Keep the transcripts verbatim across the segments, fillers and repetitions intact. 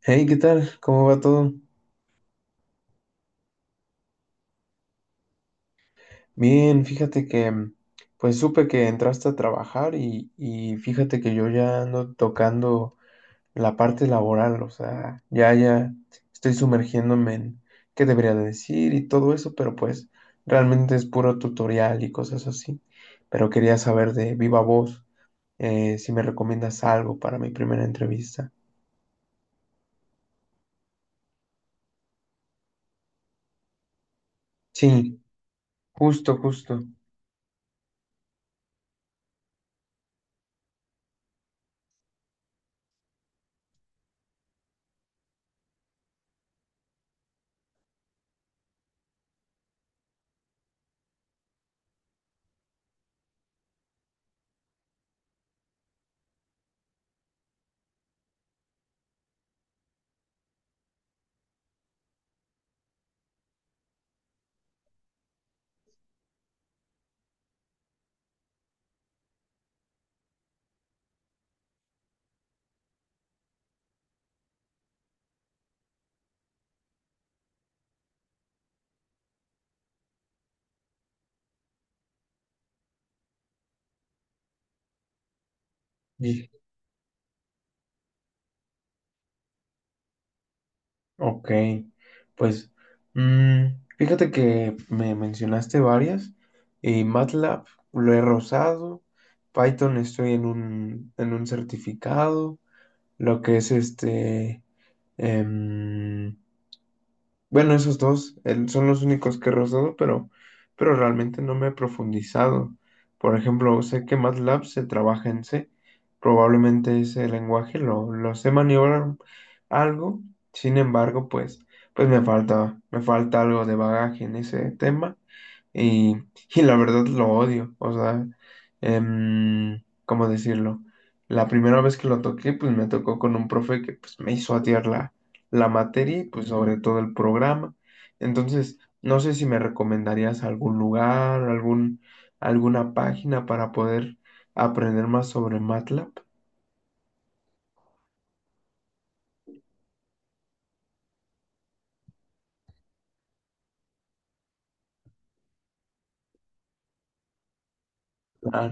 Hey, ¿qué tal? ¿Cómo va todo? Bien, fíjate que mm, pues supe que entraste a trabajar y, y fíjate que yo ya ando tocando la parte laboral, o sea, ya ya estoy sumergiéndome en qué debería de decir y todo eso, pero pues realmente es puro tutorial y cosas así. Pero quería saber de viva voz eh, si me recomiendas algo para mi primera entrevista. Sí, justo, justo. Ok, pues mm, fíjate que me mencionaste varias. eh, MATLAB lo he rozado, Python estoy en un, en un certificado, lo que es este, em, bueno, esos dos el- son los únicos que he rozado, pero, pero realmente no me he profundizado. Por ejemplo, sé que MATLAB se trabaja en C. Probablemente ese lenguaje lo, lo sé maniobrar algo. Sin embargo, pues, pues me falta, me falta algo de bagaje en ese tema. Y, y la verdad lo odio. O sea, em, ¿cómo decirlo? La primera vez que lo toqué, pues me tocó con un profe que pues, me hizo atiarla la materia y pues sobre todo el programa. Entonces, no sé si me recomendarías algún lugar, algún, alguna página para poder aprender más sobre MATLAB. Ah,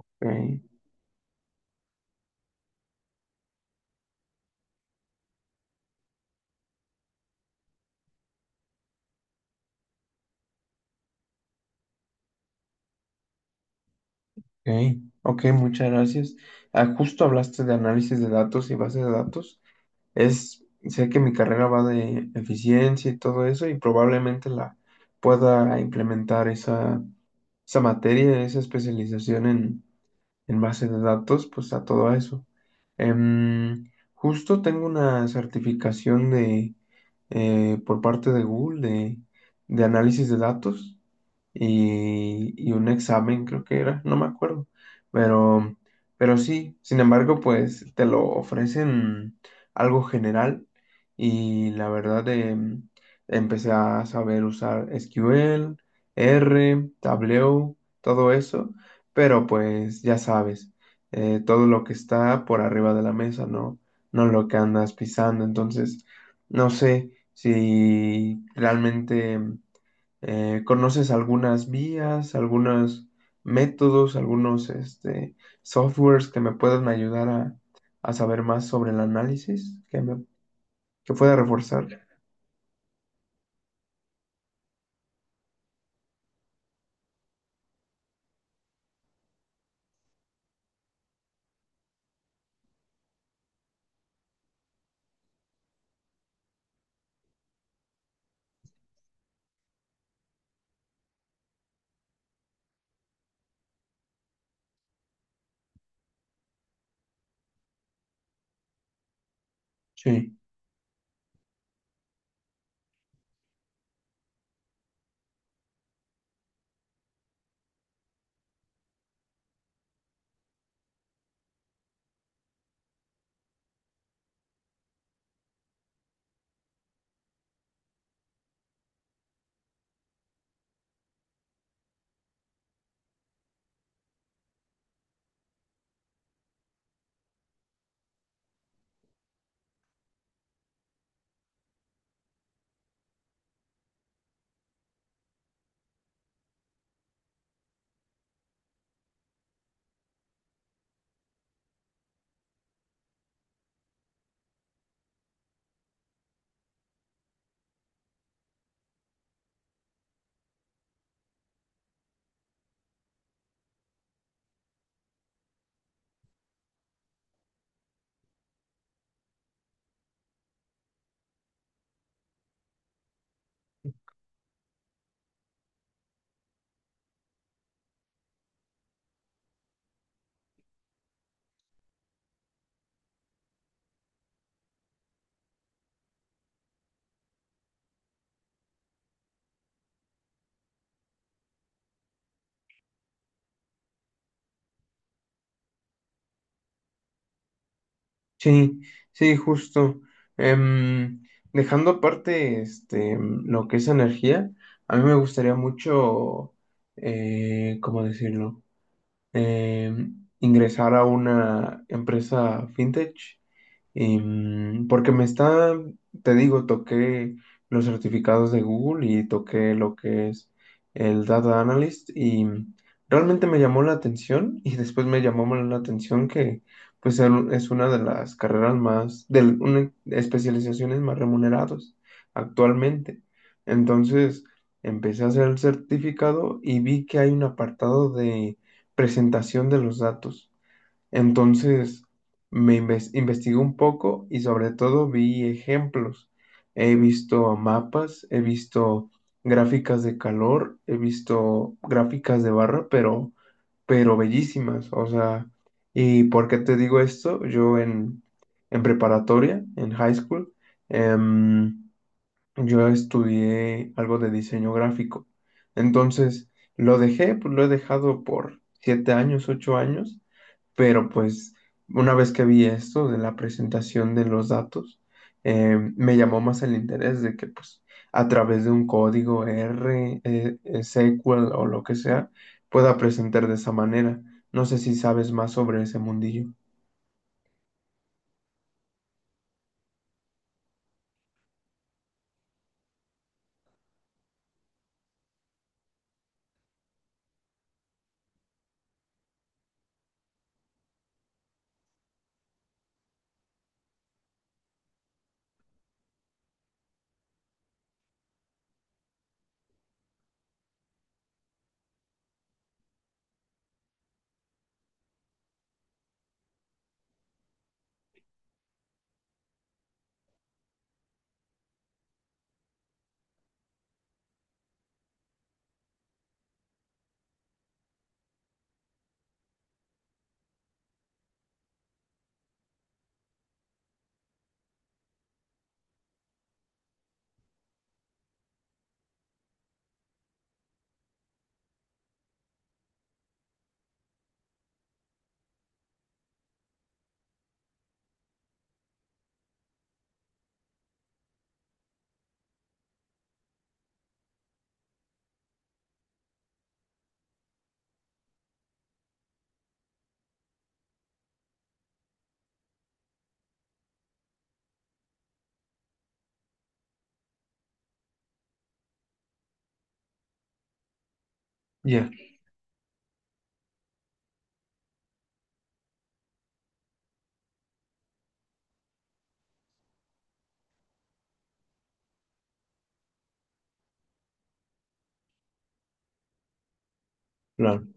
ok, ok, ok, muchas gracias. Ah, justo hablaste de análisis de datos y base de datos. Es, sé que mi carrera va de eficiencia y todo eso y probablemente la pueda implementar esa, esa materia, esa especialización en en base de datos, pues a todo eso. Em, justo tengo una certificación de, eh, por parte de Google de, de análisis de datos y, y un examen, creo que era, no me acuerdo, pero, pero sí, sin embargo, pues te lo ofrecen algo general y la verdad em, empecé a saber usar S Q L, R, Tableau, todo eso, pero pues ya sabes, eh, todo lo que está por arriba de la mesa, no, no lo que andas pisando, entonces no sé si realmente eh, ¿conoces algunas vías, algunos métodos, algunos este, softwares que me puedan ayudar a, a saber más sobre el análisis que me que pueda reforzar? Sí, sí, sí, justo. Em, dejando aparte este, em, lo que es energía, a mí me gustaría mucho, eh, ¿cómo decirlo? Em, ingresar a una empresa fintech, Em, porque me está, te digo, toqué los certificados de Google y toqué lo que es el Data Analyst y realmente me llamó la atención y después me llamó más la atención que pues el- es una de las carreras más, de una especializaciones más remuneradas actualmente. Entonces empecé a hacer el certificado y vi que hay un apartado de presentación de los datos. Entonces, me inves- investigué un poco y sobre todo vi ejemplos. He visto mapas, he visto gráficas de calor, he visto gráficas de barra, pero, pero bellísimas. O sea, ¿y por qué te digo esto? Yo en, en preparatoria, en high school, em, yo estudié algo de diseño gráfico. Entonces, lo dejé, pues lo he dejado por siete años, ocho años, pero pues una vez que vi esto de la presentación de los datos, eh, me llamó más el interés de que pues a través de un código R, eh, eh, S Q L o lo que sea, pueda presentar de esa manera. No sé si sabes más sobre ese mundillo. Ya, claro,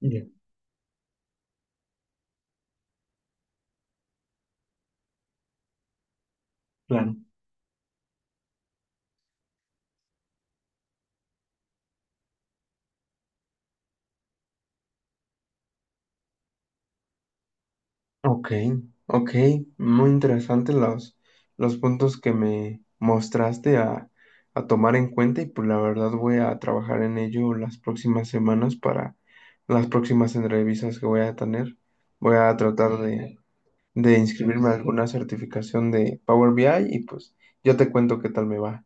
ya, claro. Ok, ok, muy interesantes los, los puntos que me mostraste a, a tomar en cuenta y pues la verdad voy a trabajar en ello las próximas semanas para las próximas entrevistas que voy a tener. Voy a tratar de, de inscribirme a alguna certificación de Power B I y pues yo te cuento qué tal me va.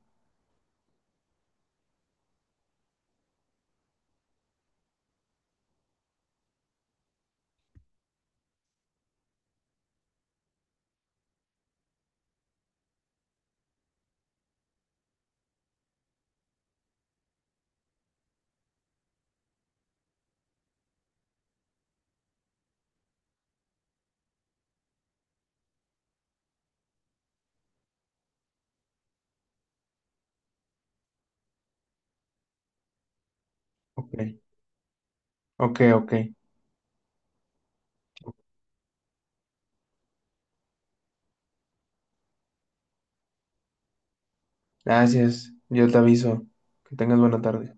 Ok, ok, ok. Gracias, yo te aviso. Que tengas buena tarde.